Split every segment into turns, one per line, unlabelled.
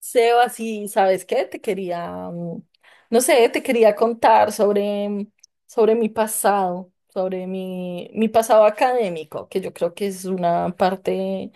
Seba, sí, ¿sabes qué? Te quería, no sé, te quería contar sobre mi pasado, sobre mi pasado académico, que yo creo que es una parte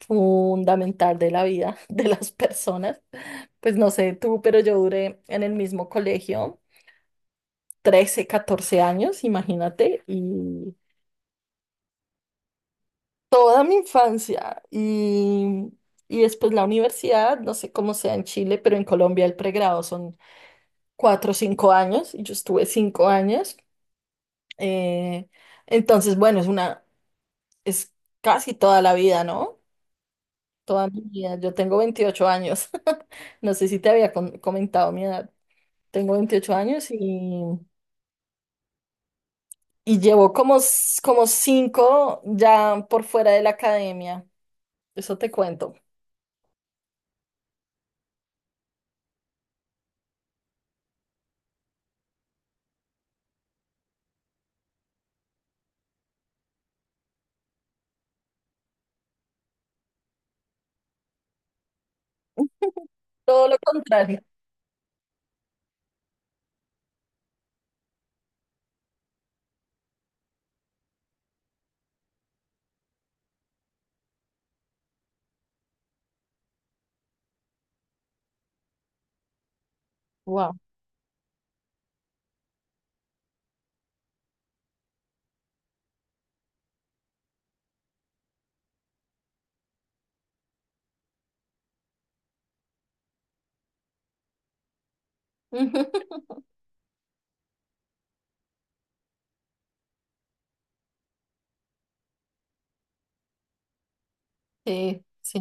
fundamental de la vida de las personas. Pues no sé tú, pero yo duré en el mismo colegio 13 14 años, imagínate, y toda mi infancia. Y después la universidad, no sé cómo sea en Chile, pero en Colombia el pregrado son 4 o 5 años, y yo estuve 5 años. Eh, entonces, bueno, es casi toda la vida, ¿no? Toda mi vida. Yo tengo 28 años. No sé si te había comentado mi edad. Tengo 28 años y, llevo como cinco ya por fuera de la academia. Eso te cuento. Todo lo contrario. Wow. Sí, sí.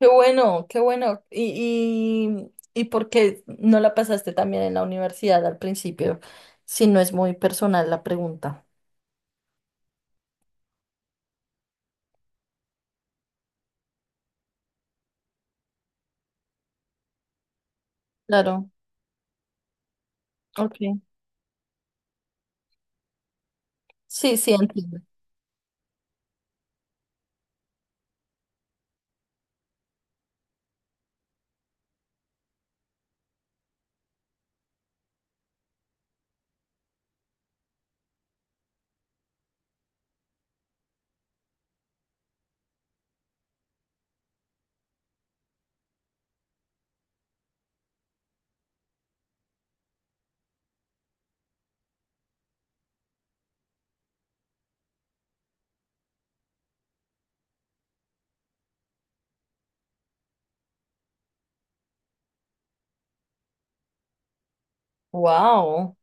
Qué bueno, qué bueno. ¿Y por qué no la pasaste también en la universidad al principio? Si no es muy personal la pregunta. Claro, ok. Sí, sí, entiendo. Wow.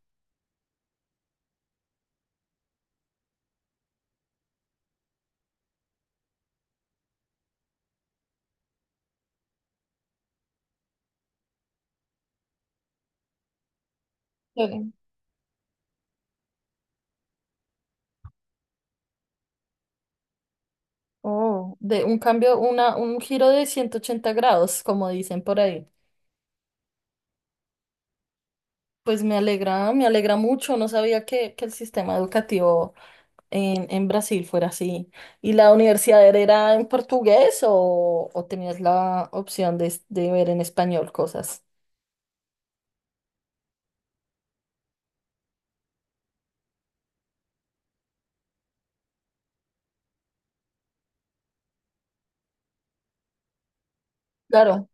Oh, de un cambio, un giro de 180 grados, como dicen por ahí. Pues me alegra mucho. No sabía que el sistema educativo en Brasil fuera así. ¿Y la universidad era en portugués o tenías la opción de ver en español cosas? Claro.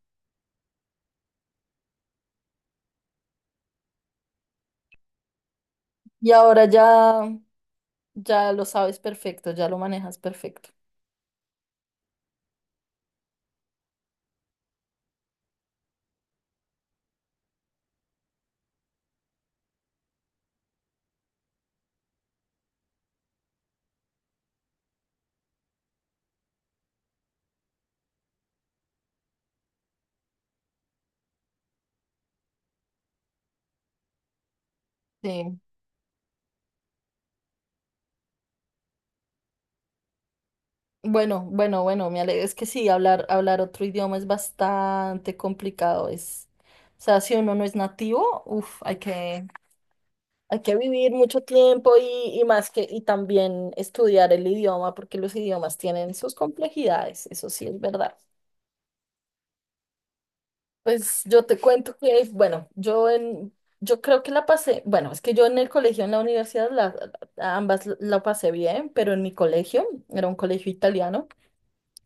Y ahora ya, ya lo sabes perfecto, ya lo manejas perfecto. Sí. Bueno, bueno, bueno, me alegro. Es que sí, hablar, hablar otro idioma es bastante complicado. Es, o sea, si uno no es nativo, uff, hay que vivir mucho tiempo y más que, y también estudiar el idioma, porque los idiomas tienen sus complejidades, eso sí es verdad. Pues yo te cuento que, bueno, yo en, yo creo que la pasé, bueno, es que yo en el colegio, en la universidad, ambas la pasé bien, pero en mi colegio, era un colegio italiano,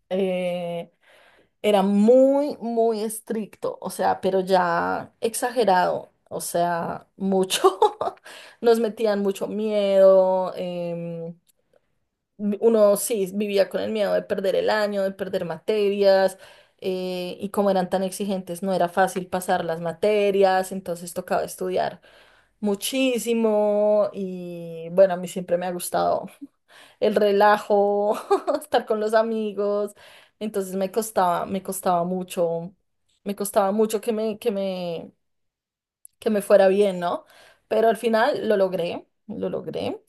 eh, era muy, muy estricto, o sea, pero ya exagerado, o sea, mucho. Nos metían mucho miedo, uno sí vivía con el miedo de perder el año, de perder materias, y como eran tan exigentes, no era fácil pasar las materias, entonces tocaba estudiar muchísimo y bueno, a mí siempre me ha gustado el relajo, estar con los amigos, entonces me costaba mucho que me fuera bien, ¿no? Pero al final lo logré, lo logré.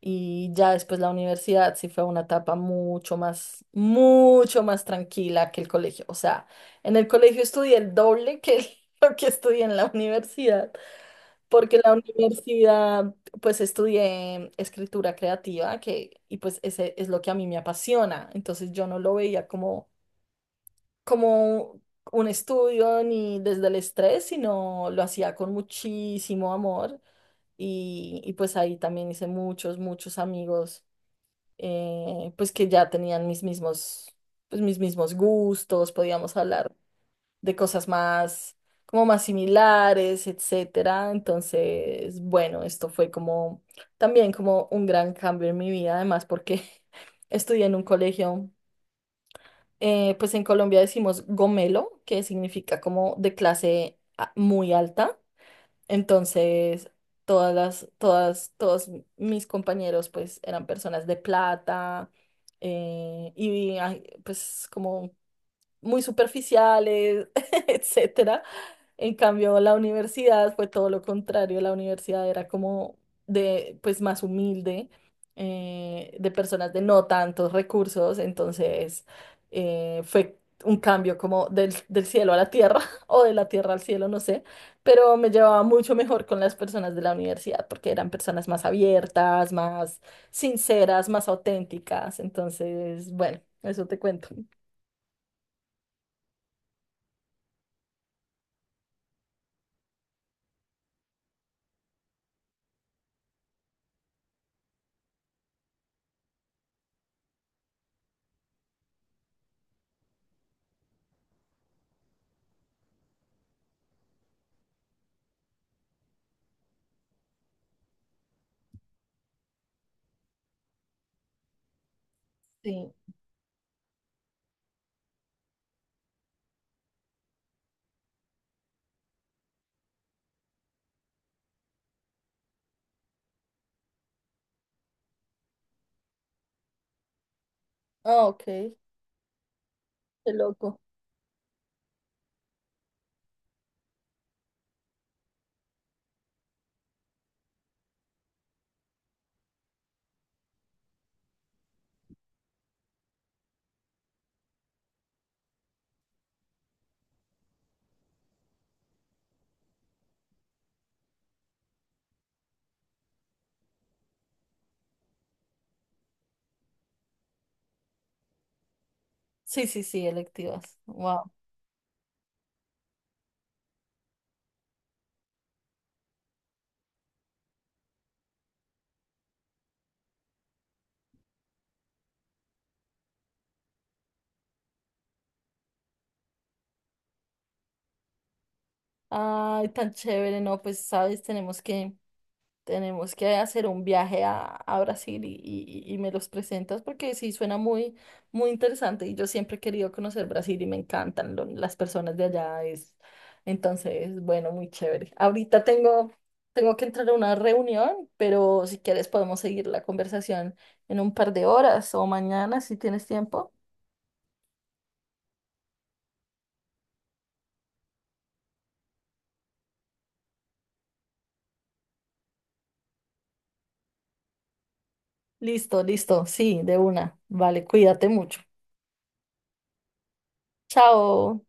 Y ya después la universidad sí fue una etapa mucho más tranquila que el colegio. O sea, en el colegio estudié el doble que lo que estudié en la universidad, porque en la universidad pues estudié escritura creativa que, y pues ese es lo que a mí me apasiona. Entonces yo no lo veía como un estudio ni desde el estrés, sino lo hacía con muchísimo amor y pues ahí también hice muchos, muchos amigos pues que ya tenían mis mismos, pues mis mismos gustos, podíamos hablar de cosas más, como más similares, etcétera. Entonces, bueno, esto fue como también como un gran cambio en mi vida, además porque estudié en un colegio, pues en Colombia decimos gomelo, que significa como de clase muy alta. Entonces, todos mis compañeros, pues, eran personas de plata, y pues como muy superficiales, etcétera. En cambio, la universidad fue todo lo contrario. La universidad era como de, pues, más humilde, de personas de no tantos recursos. Entonces, fue un cambio como del cielo a la tierra o de la tierra al cielo, no sé. Pero me llevaba mucho mejor con las personas de la universidad porque eran personas más abiertas, más sinceras, más auténticas. Entonces, bueno, eso te cuento. Sí. Ah, ok, qué loco. Sí, sí, sí, electivas. Wow. Ay, tan chévere, no, pues sabes, tenemos que hacer un viaje a Brasil, y me los presentas porque sí suena muy, muy interesante y yo siempre he querido conocer Brasil y me encantan las personas de allá, es, entonces, bueno, muy chévere. Ahorita tengo, tengo que entrar a una reunión, pero si quieres podemos seguir la conversación en un par de horas o mañana si tienes tiempo. Listo, listo. Sí, de una. Vale, cuídate mucho. Chao.